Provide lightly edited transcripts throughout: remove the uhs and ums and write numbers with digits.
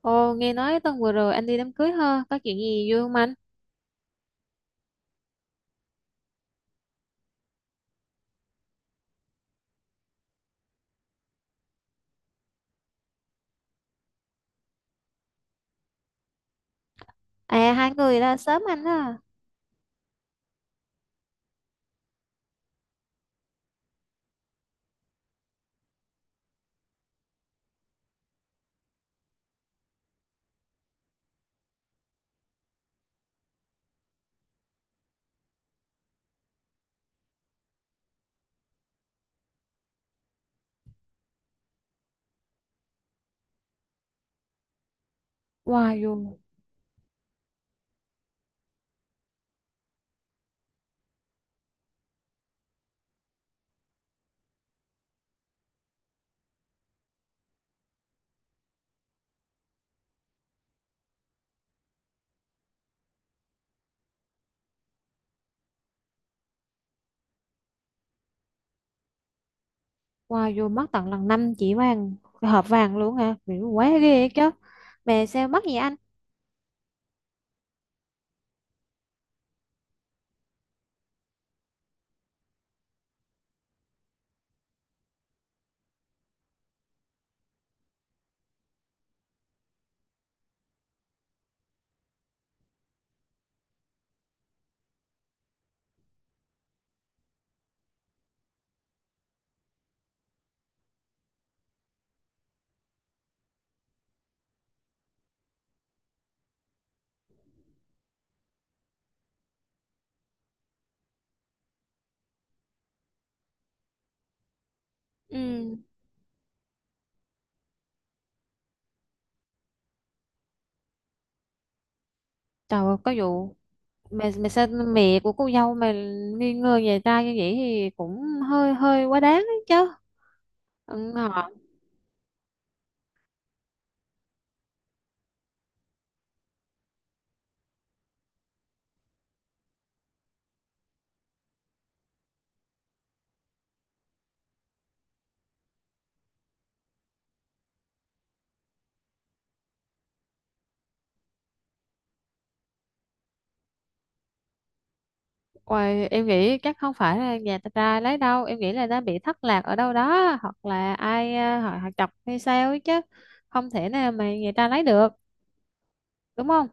Ồ, nghe nói tuần vừa rồi anh đi đám cưới ha, có chuyện gì vui không anh? À, hai người là sớm anh á. Wow, dù, wow, dù mất tận lần 5 chỉ vàng, cái hộp vàng luôn hả? Mày quá ghê ấy chứ. Mẹ sao mất vậy anh? Ừ, trời ơi, có vụ mẹ mẹ sao mẹ của cô dâu mà nghi ngờ nhà trai như vậy thì cũng hơi hơi quá đáng ấy chứ. Ừ, ôi, em nghĩ chắc không phải là nhà ta trai lấy đâu, em nghĩ là đã bị thất lạc ở đâu đó hoặc là ai họ chọc hay sao ấy chứ, không thể nào mà nhà ta lấy được, đúng không?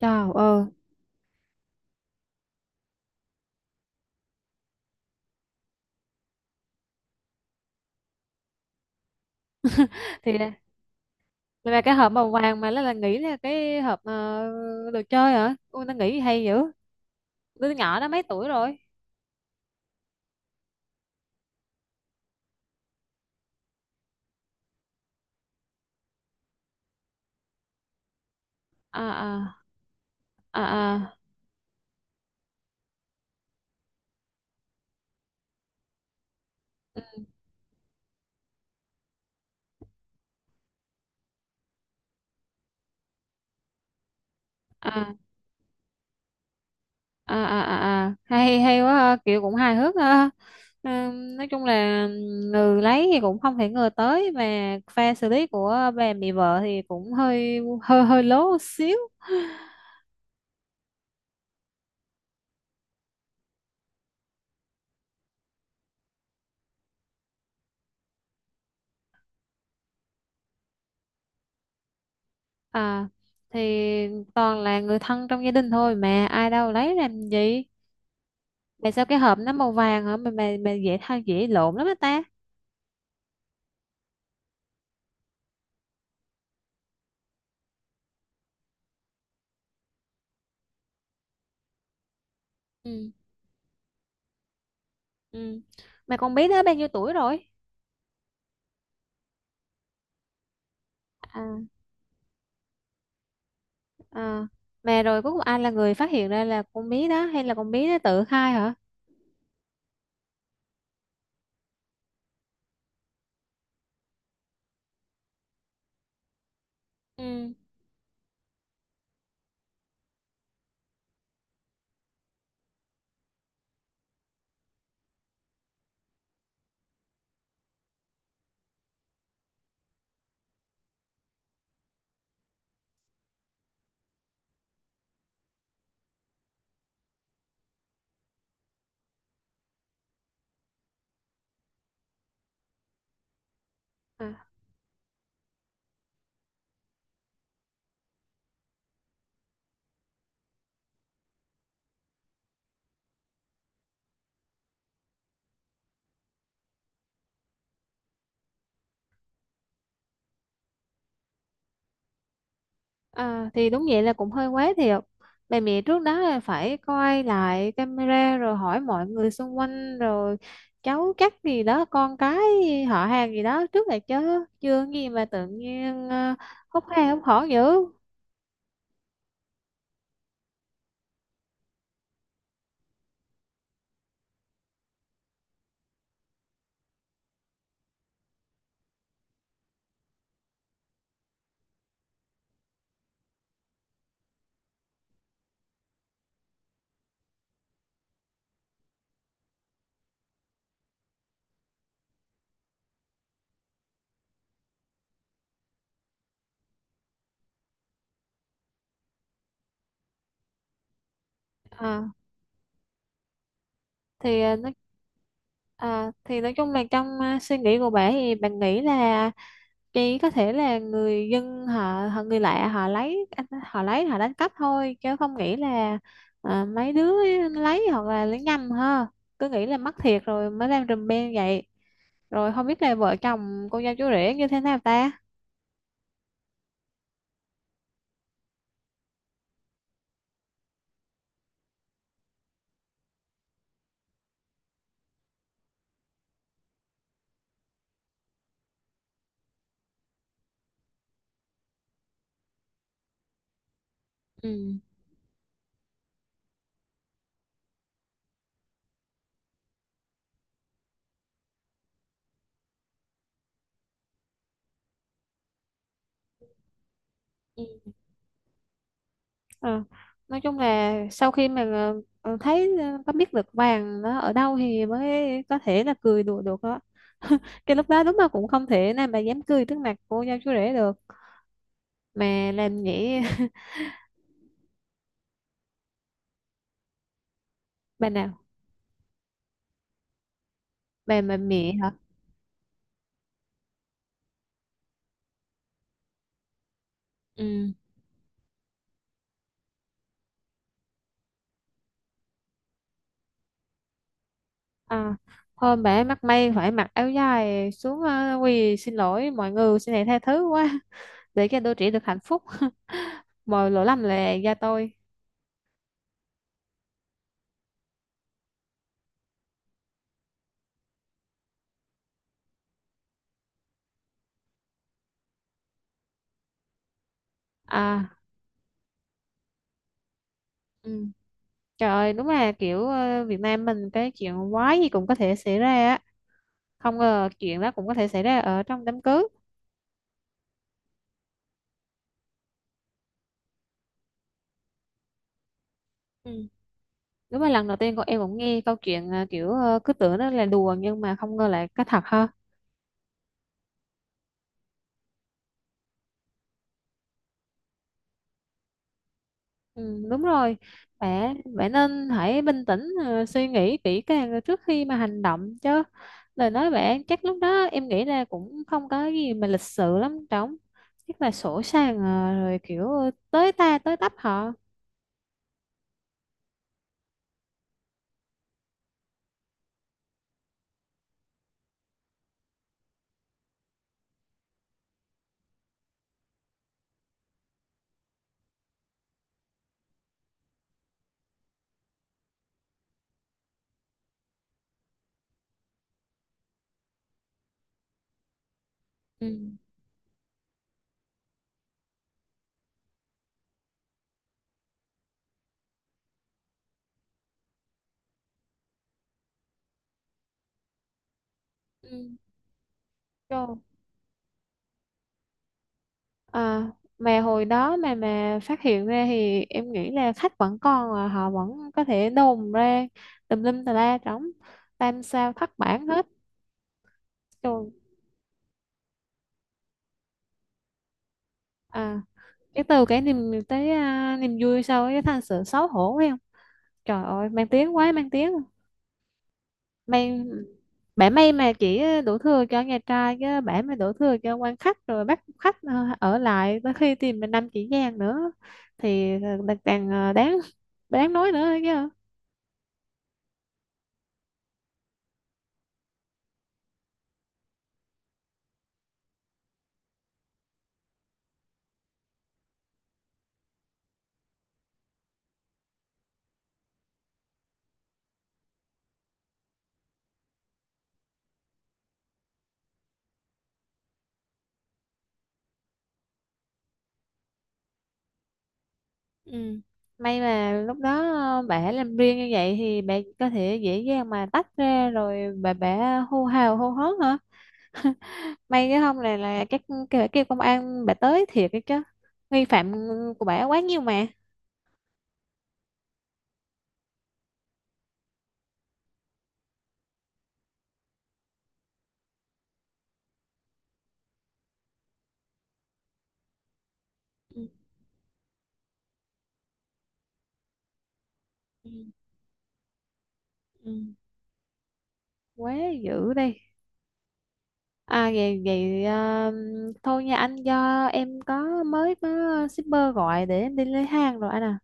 Trời ơi, thì là thì là cái hộp màu vàng mà nó là nghĩ là cái hộp đồ chơi hả? Ôi, nó nghĩ hay dữ. Đứa nhỏ đó mấy tuổi rồi? À à à à, ừ, à à à à à. Hay hay quá ha. Kiểu cũng hài hước ha. Nói chung là người lấy thì cũng không thể ngờ tới mà pha xử lý của bà mẹ vợ thì cũng hơi hơi hơi lố xíu. À, thì toàn là người thân trong gia đình thôi mà ai đâu lấy làm gì. Mà sao cái hộp nó màu vàng hả, mà dễ thay dễ lộn lắm á ta. Ừ, ừ, mà con bé đó bao nhiêu tuổi rồi? À, à, mà rồi cuối cùng ai là người phát hiện ra là con bé đó hay là con bé đó tự khai hả? Ừ. À, à, thì đúng vậy là cũng hơi quá thiệt. Bà mẹ trước đó là phải coi lại camera rồi hỏi mọi người xung quanh rồi cháu chắc gì đó, con cái họ hàng gì đó trước là chứ, chưa gì mà tự nhiên hốt ha hốt hỏ dữ. À, thì nói. À, thì nói chung là trong suy nghĩ của bà thì bạn nghĩ là chỉ có thể là người dân họ người lạ họ lấy, họ lấy họ đánh cắp thôi chứ không nghĩ là mấy đứa lấy hoặc là lấy nhầm ha, cứ nghĩ là mất thiệt rồi mới làm rùm beng vậy. Rồi không biết là vợ chồng cô dâu chú rể như thế nào ta. Ừ. Ừ. Ờ, nói chung là sau khi mà thấy có biết được vàng nó ở đâu thì mới có thể là cười đùa được đó. Cái lúc đó đúng là cũng không thể nào mà dám cười trước mặt cô dâu chú rể được. Mà làm vậy bà nào? Bà mẹ hả? Ừ, à, hôm bà ấy mắc may phải mặc áo dài xuống quỳ xin lỗi mọi người, xin hãy tha thứ quá để cho đôi trẻ được hạnh phúc. Mọi lỗi lầm là do tôi. À, ừ, trời ơi đúng là kiểu Việt Nam mình cái chuyện quái gì cũng có thể xảy ra á, không ngờ chuyện đó cũng có thể xảy ra ở trong đám cưới. Ừ. Đúng là lần đầu tiên con em cũng nghe câu chuyện kiểu cứ tưởng nó là đùa nhưng mà không ngờ lại có thật ha. Ừ, đúng rồi, bạn bạn nên hãy bình tĩnh, suy nghĩ kỹ càng trước khi mà hành động chứ. Lời nói bạn chắc lúc đó em nghĩ là cũng không có gì mà lịch sự lắm trống, chắc là sổ sàng rồi kiểu tới ta tới tấp họ. Ừ. Ừ. Rồi. À, mà hồi đó mà phát hiện ra thì em nghĩ là khách vẫn còn, à, họ vẫn có thể đồn ra tùm lum tà la trống, tam sao thất bản hết rồi. À, cái từ cái niềm tới à, niềm vui sau cái thành sự xấu hổ phải không? Trời ơi mang tiếng quá, mang tiếng, mang bả may mà chỉ đổ thừa cho nhà trai chứ bả mà đổ thừa cho quan khách rồi bắt khách ở lại tới khi tìm mình 5 chỉ vàng nữa thì càng đáng đáng nói nữa chứ. Ừ, may mà lúc đó bả làm riêng như vậy thì bả có thể dễ dàng mà tách ra rồi bả hô hào hô hớn hả. May cái không này là các cái bà kêu công an, bà tới thiệt cái chứ nghi phạm của bà quá nhiều mà. Ừ, ừ, ừ. Quá dữ đi. À, vậy vậy thôi nha anh, do em mới có shipper gọi để em đi lấy hàng rồi anh à.